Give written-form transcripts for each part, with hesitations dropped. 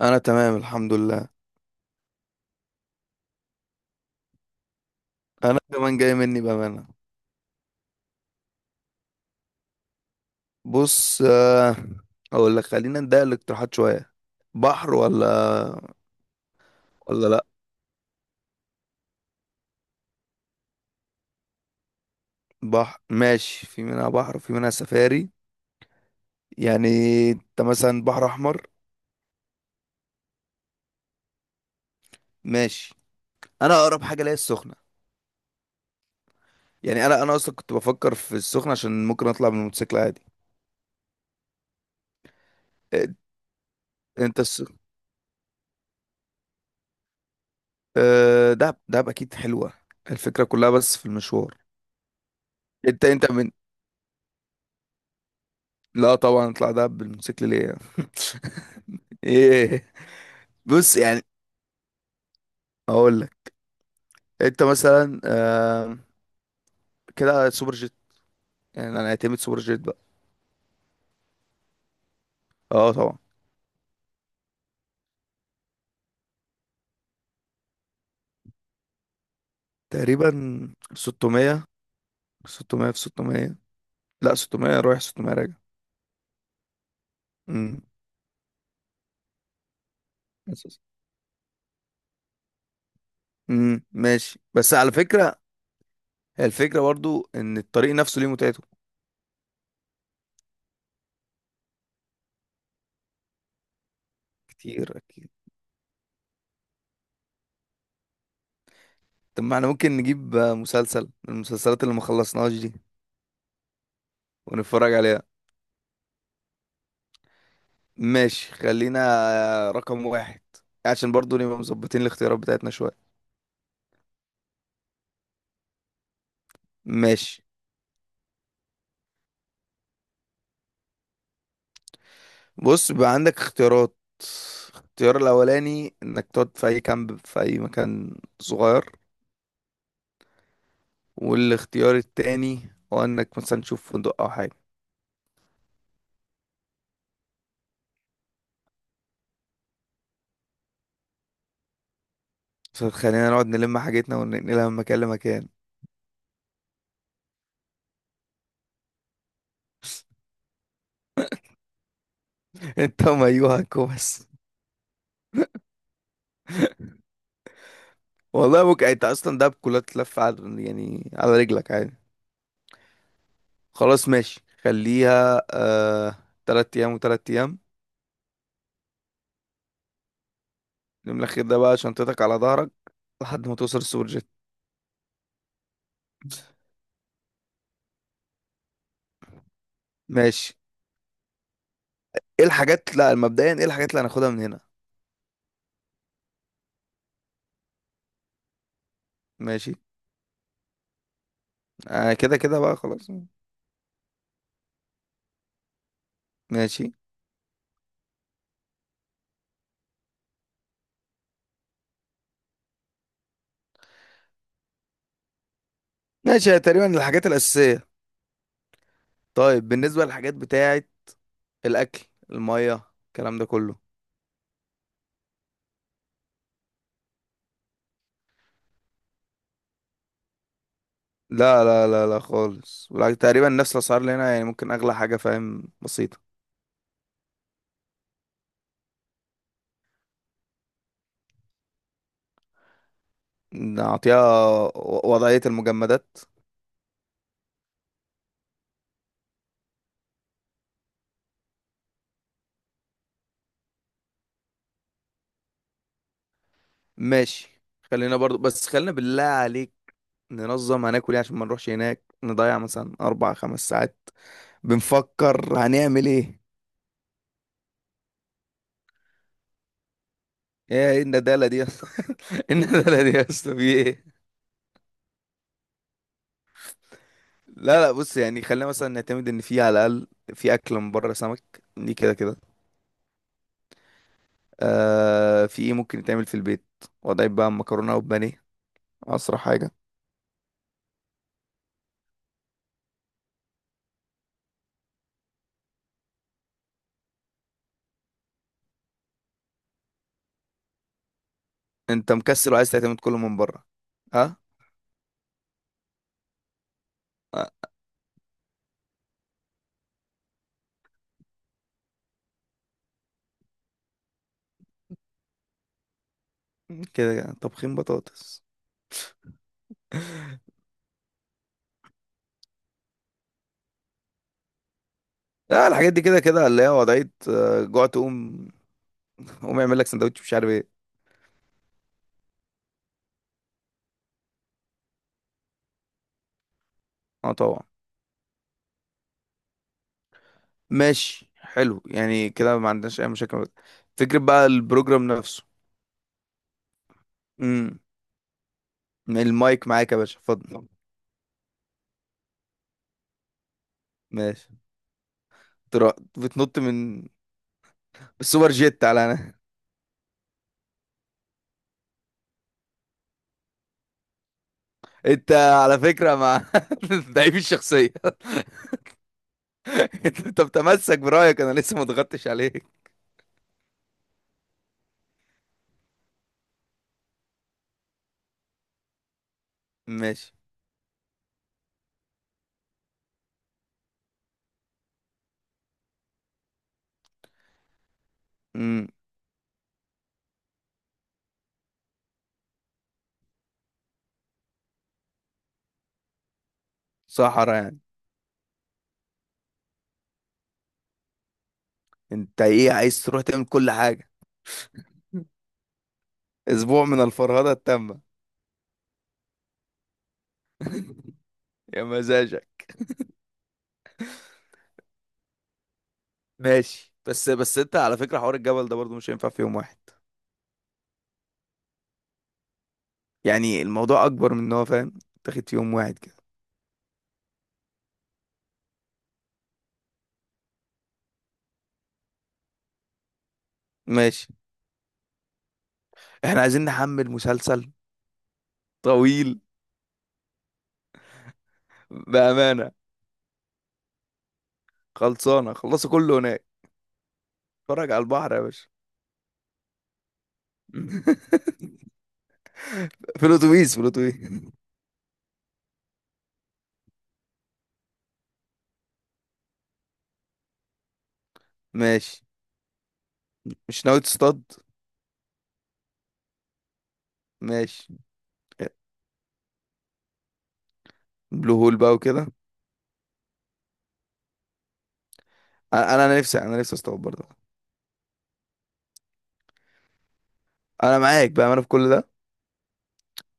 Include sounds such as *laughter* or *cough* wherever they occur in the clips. انا تمام الحمد لله. انا كمان جاي مني بامانه. بص، اقول لك خلينا نضيق الاقتراحات شويه. بحر ولا ولا لا؟ بحر ماشي، في منها بحر وفي منها سفاري. يعني انت مثلا بحر احمر. ماشي، انا اقرب حاجه ليا السخنه. يعني انا اصلا كنت بفكر في السخنه عشان ممكن اطلع بالموتوسيكل عادي. إيه، انت الس... دهب دهب اكيد حلوه، الفكره كلها بس في المشوار. انت انت من لا طبعا، اطلع دهب بالموتوسيكل ليه يعني؟ *laughs* ايه، بص يعني اقول لك، انت مثلا كده سوبر جيت، يعني انا اعتمد سوبر جيت بقى. اه طبعا. تقريبا 600. 600 في 600. لا، 600 رايح 600 راجع. امم أساس. ماشي، بس على فكرة هي الفكرة برضو ان الطريق نفسه ليه متعته. كتير اكيد. طب ما احنا ممكن نجيب مسلسل، من المسلسلات اللي ما خلصناهاش دي ونتفرج عليها. ماشي، خلينا رقم واحد عشان برضو نبقى مظبطين الاختيارات بتاعتنا شوية. ماشي. بص بقى عندك اختيارات، الاختيار الأولاني إنك تقعد في أي كامب في أي مكان صغير، والاختيار التاني هو إنك مثلا تشوف فندق أو حاجة. بس خلينا نقعد نلم حاجتنا وننقلها من مكان لمكان. *laughs* انت ومايوهك وبس. والله ممكن انت اصلا ده بكلها تلف على، يعني على رجلك عادي. خلاص ماشي، خليها 3 ايام وتلات ايام. اليوم الأخير ده بقى شنطتك على ظهرك لحد ما توصل السوبر جيت. ماشي. ايه الحاجات، لا مبدئيا ايه الحاجات اللي هناخدها من هنا؟ ماشي. كده كده بقى خلاص. ماشي ماشي، هي تقريبا الحاجات الأساسية. طيب بالنسبة للحاجات بتاعة الأكل، المية، الكلام ده كله. لا لا لا لا خالص، ولا تقريبا نفس الأسعار اللي هنا، يعني ممكن أغلى حاجة، فاهم، بسيطة. نعطيها. وضعية المجمدات. ماشي خلينا برضو، بس خلينا بالله عليك ننظم هناكل ايه عشان ما نروحش هناك نضيع مثلا 4-5 ساعات بنفكر هنعمل ايه. إيه الندالة دي يا اسطى! *laughs* إيه الندالة دي يا اسطى، في ايه؟ لا لا، بص يعني خلينا مثلا نعتمد ان في على الاقل في اكل من بره، سمك دي كده كده. في ايه ممكن يتعمل في البيت، وضعي بقى مكرونه وبانيه، اسرع حاجه. انت مكسل وعايز تعتمد كله من بره؟ ها؟ آه؟ كده كده. طبخين بطاطس. لا الحاجات دي كده كده، اللي هي وضعية جوع تقوم قوم اعمل لك سندوتش مش عارف ايه. اه طبعا. ماشي حلو، يعني كده ما عندناش اي مشاكل. فكرة بقى البروجرام نفسه. امم المايك معاك يا باشا، اتفضل. ماشي. بتنط من السوبر جيت على انا. انت على فكرة مع *laughs* ضعيف الشخصية. *laughs* انت بتمسك برأيك، انا لسه ما ضغطتش عليك. ماشي. امم صحرا يعني. انت ايه، عايز تروح تعمل كل حاجة؟ اسبوع من الفرهدة التامة. يا مزاجك. ماشي، بس انت على فكرة حوار الجبل ده برضو مش هينفع في يوم واحد. يعني الموضوع اكبر من ان هو، فاهم، تاخد في يوم واحد كده. ماشي احنا عايزين نحمل مسلسل طويل. بامانه خلصانه، خلصوا كله هناك. اتفرج على البحر يا باشا. *laughs* في الاتوبيس، في الاتوبيس. ماشي. مش ناوي تصطاد؟ ماشي، بلو هول بقى وكده. انا نفسي، انا نفسي اصطاد برضه. انا معاك بامانه في كل ده،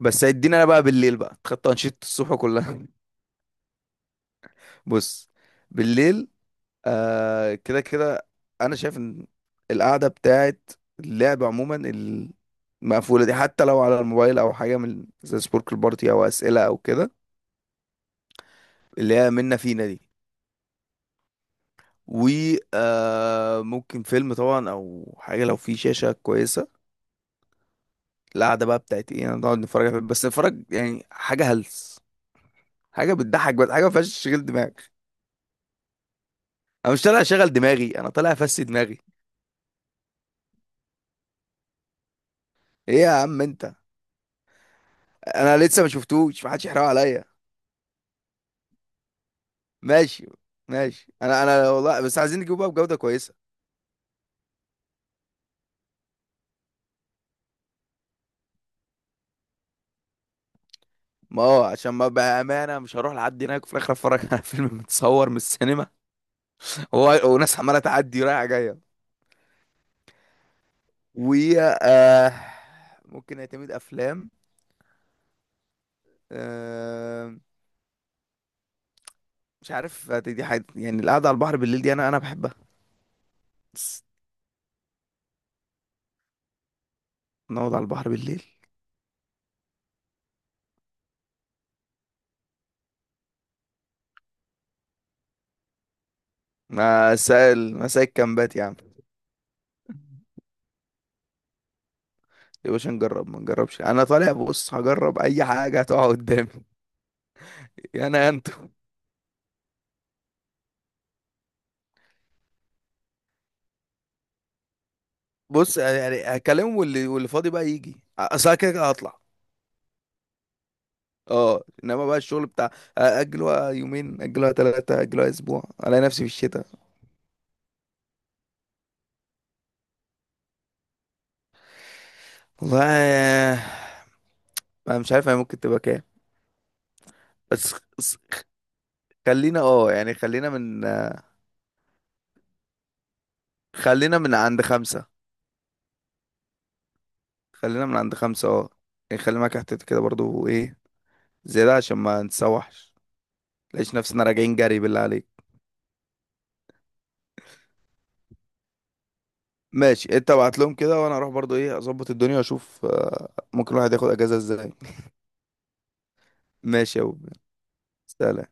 بس هيدينا انا بقى بالليل بقى، خدت انشطه الصبح كلها. *laughs* بص، بالليل كده كده انا شايف ان القعده بتاعت اللعب عموما المقفوله دي، حتى لو على الموبايل او حاجه من زي سبوركل بارتي او اسئله او كده، اللي هي منا فينا دي. و ممكن فيلم طبعا، او حاجه لو في شاشه كويسه. القعده بقى بتاعت ايه، نقعد نتفرج على فيلم، بس نتفرج يعني حاجه هلس، حاجه بتضحك، بس حاجه ما فيهاش تشغيل دماغ. انا مش طالع اشغل دماغي، انا طالع افسي دماغي. ايه يا عم انت، انا لسه ما شفتوش، ما حدش يحرق عليا. ماشي. ماشي، انا والله بس عايزين نجيبه بقى بجودة كويسة. ما هو عشان، ما بأمانة مش هروح لحد هناك وفي الآخر أتفرج على *laughs* فيلم متصور من السينما وناس عمالة تعدي رايحة جاية. و آه، ممكن اعتمد أفلام، آه، مش عارف دي حاجة، يعني القعدة على البحر بالليل دي أنا بحبها. بس نقعد على البحر بالليل. مسائل مسائل كامبات يا عم. يا باشا نجرب ما نجربش، أنا طالع بص هجرب أي حاجة هتقع قدامي. *laughs* أنا، بص يعني هكلمه، واللي فاضي بقى يجي، اصل أنا كده كده هطلع. اه انما بقى الشغل بتاع، اجلوها يومين، اجلوها ثلاثة، اجلوها اسبوع، الاقي نفسي في الشتاء. والله انا مش عارف هي ممكن تبقى كام. بس خلينا، اه يعني خلينا من، خلينا من عند خمسة. خلينا من عند خمسة اه. يعني خلي معاك احتياطي كده برضو، ايه، زيادة عشان ما نتسوحش. ليش نفسنا راجعين جري بالله عليك. ماشي، انت ابعت لهم كده وانا اروح برضو ايه، اظبط الدنيا واشوف ممكن الواحد ياخد اجازة ازاي. ماشي يا أبو. سلام.